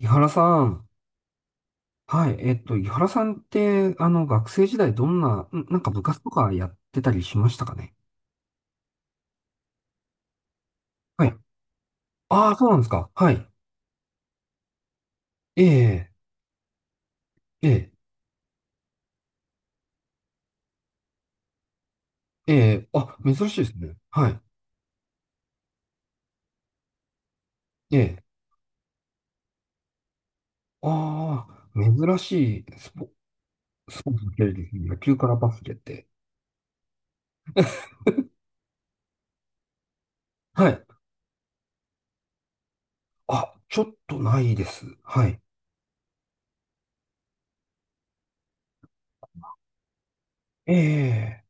井原さん。はい。井原さんって、学生時代どんな、んなんか部活とかやってたりしましたかね？はい。ああ、そうなんですか。はい。ええ、ええ、ええ、あ、珍しいですね。はい。ええ、ああ、珍しいスポーツの系列ですね。野球からバスケって。はい。あ、ちょっとないです。はい。ええ、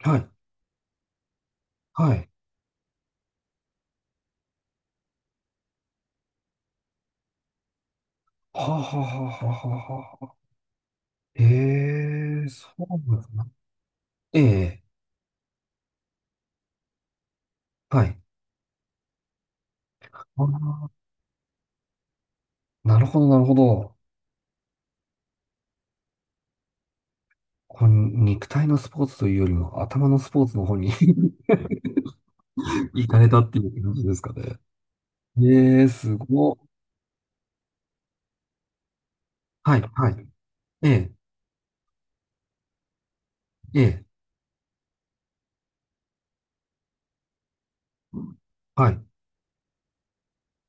はい。はい。はあ、はあ、はあ、はあ、はあはあ。ええ、そうなんですね。ええ、はい。あー、なるほど、なるほど。こう肉体のスポーツというよりも頭のスポーツの方に 行かれたっていう感じですかね？ええ、すごっ。はい、はい。ええ、ええ、はい、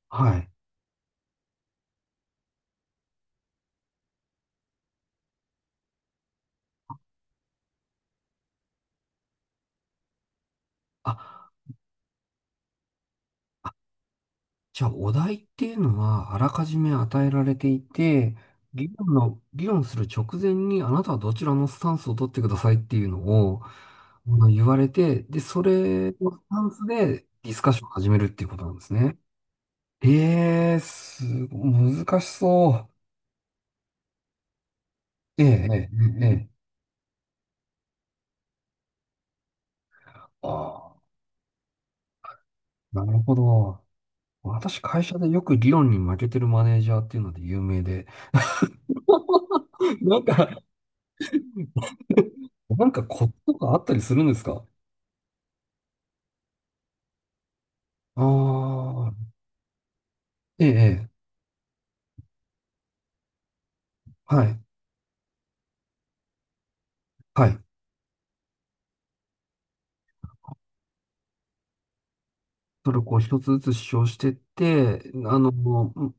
はい。あ、あじゃあ、お題っていうのは、あらかじめ与えられていて、議論する直前に、あなたはどちらのスタンスを取ってくださいっていうのを、まあの言われて、で、それのスタンスでディスカッションを始めるっていうことなんですね。ええ、難しそう。ええ、ええ、ええ。ああ、なるほど。私、会社でよく理論に負けてるマネージャーっていうので有名で。なんか、なんかコツとかあったりするんですか？ああ、ええ、ええ、はい、はい。それをこう一つずつ主張してって、う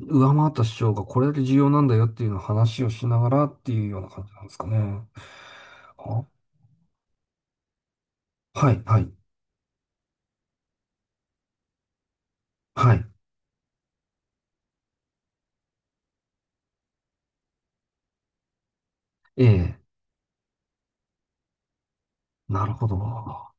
上回った主張がこれだけ重要なんだよっていうのを話をしながらっていうような感じなんですかね？あ、はい、はい、はい。ええ、なるほど。あ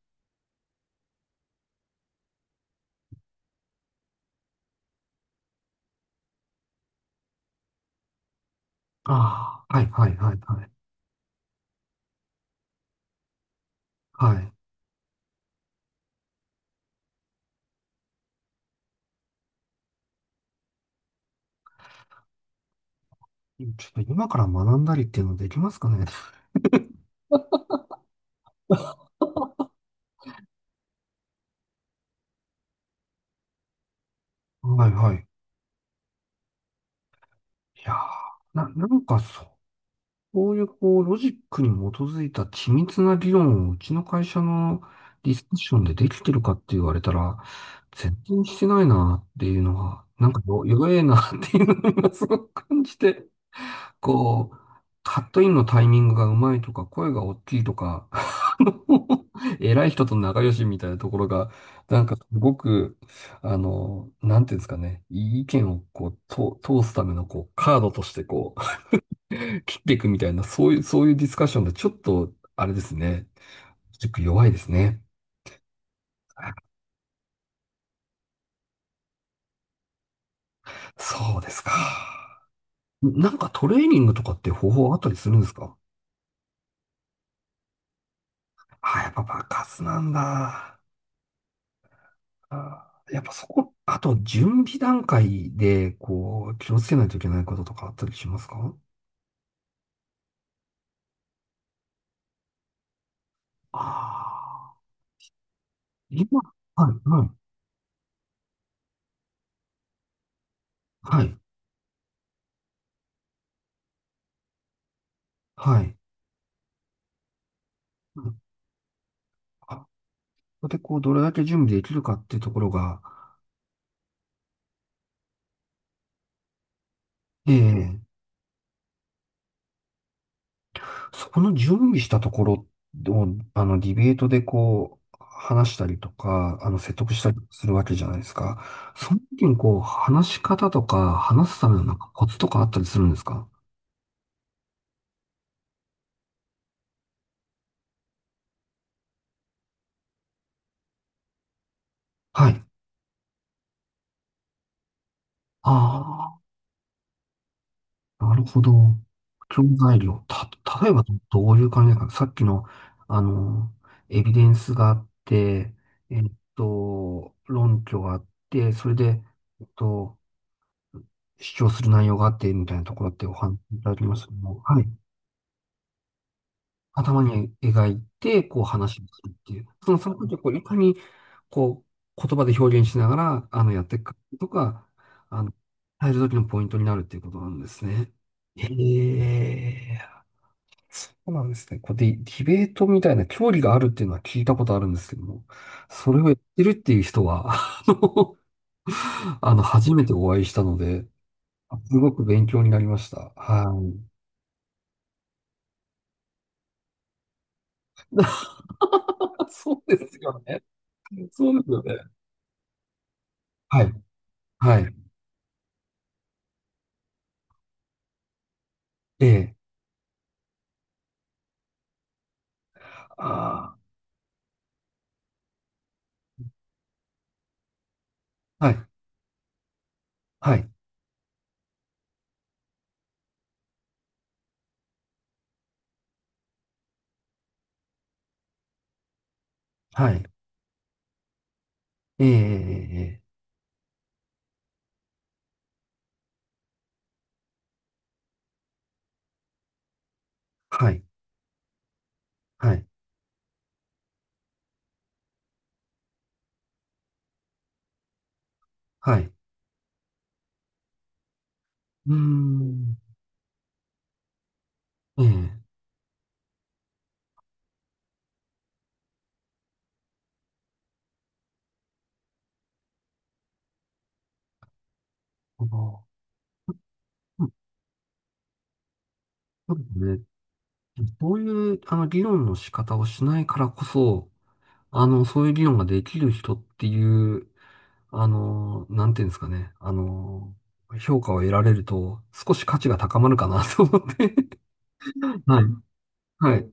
あ、はい、はい、はい、はい。はい。ちょっと今から学んだりっていうのできますかね？はい、はい。いやー、なんかそう、こういうこうロジックに基づいた緻密な理論をうちの会社のディスカッションでできてるかって言われたら、全然してないなっていうのは、なんかよ弱えなっていうのを今すごく感じて、こう、カットインのタイミングがうまいとか、声が大きいとか、あの偉い人と仲良しみたいなところが、なんかすごく、なんていうんですかね、意見をこう、と通すためのこう、カードとしてこう、切っていくみたいな、そういうディスカッションで、ちょっと、あれですね。ちょっと弱いですね。そうですか。なんかトレーニングとかって方法あったりするんですか？あ、やっぱ爆発なんだ。あやっぱそこ、あと準備段階で、こう、気をつけないといけないこととかあったりしますか？ああー、今、はい、はい、はい、はい。うんあそこで、こう、どれだけ準備できるかっていうところが、ええ、そこの準備したところを、ディベートでこう、話したりとか、説得したりするわけじゃないですか。その時にこう、話し方とか、話すためのなんかコツとかあったりするんですか？はい。ああ、なるほど。教材料。例えばどういう感じですか？さっきの、あの、エビデンスがあって、えっ論拠があって、それで、えっと、主張する内容があって、みたいなところってお話しいただきましたけども、はい。頭に描いて、こう話をするっていう。その時をこういかに、こう、言葉で表現しながら、やっていくかとか、あの、入る時のポイントになるっていうことなんですね。へえ、そうなんですね。こうディベートみたいな競技があるっていうのは聞いたことあるんですけども、それをやってるっていう人は、初めてお会いしたので、すごく勉強になりました。はい。そうですよね。そうですよね。はい。はい。ええ、ああ、はい、はい、はい。ええ、ええ、ええ、はい、はい、はい。うーん、ええ、あのうんそうですね。そういう、議論の仕方をしないからこそ、そういう議論ができる人っていう、なんていうんですかね、評価を得られると、少し価値が高まるかなと思って。はい、はい。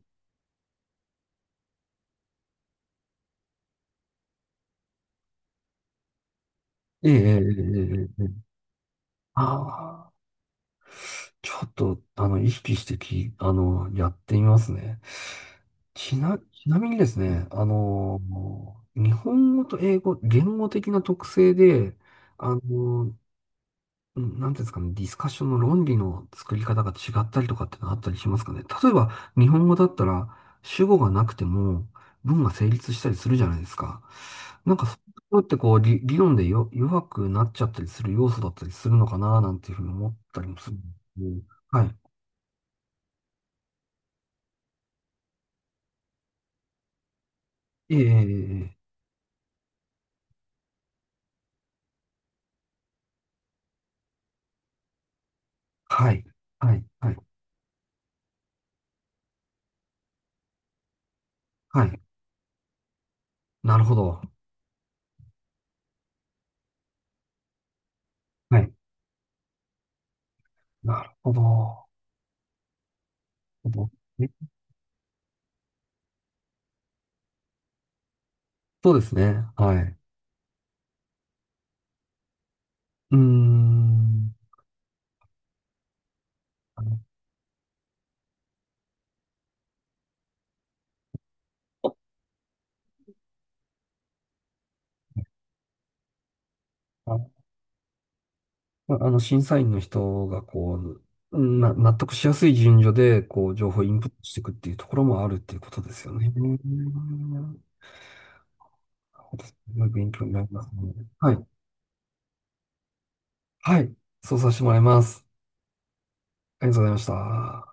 ええ、ええ、ええ、ええ。ええ、ああ。ちょっと、意識してき、やってみますね。ちなみにですね、日本語と英語、言語的な特性で、あの、なんていうんですかね、ディスカッションの論理の作り方が違ったりとかってのあったりしますかね？例えば、日本語だったら、主語がなくても、文が成立したりするじゃないですか。なんか、そういうところってこう、理論でよ、弱くなっちゃったりする要素だったりするのかな、なんていうふうに思ったりもするんですけど。はい。ええ、ええ、ええ、はい、はい、はい、はい。なるほど。はい。なるほど。えそうですね。はい。うーん。あの、ああの審査員の人が、こう、納得しやすい順序で、こう、情報をインプットしていくっていうところもあるっていうことですよね。すごい勉強になりますね。はい。はい。そうさせてもらいます。ありがとうございました。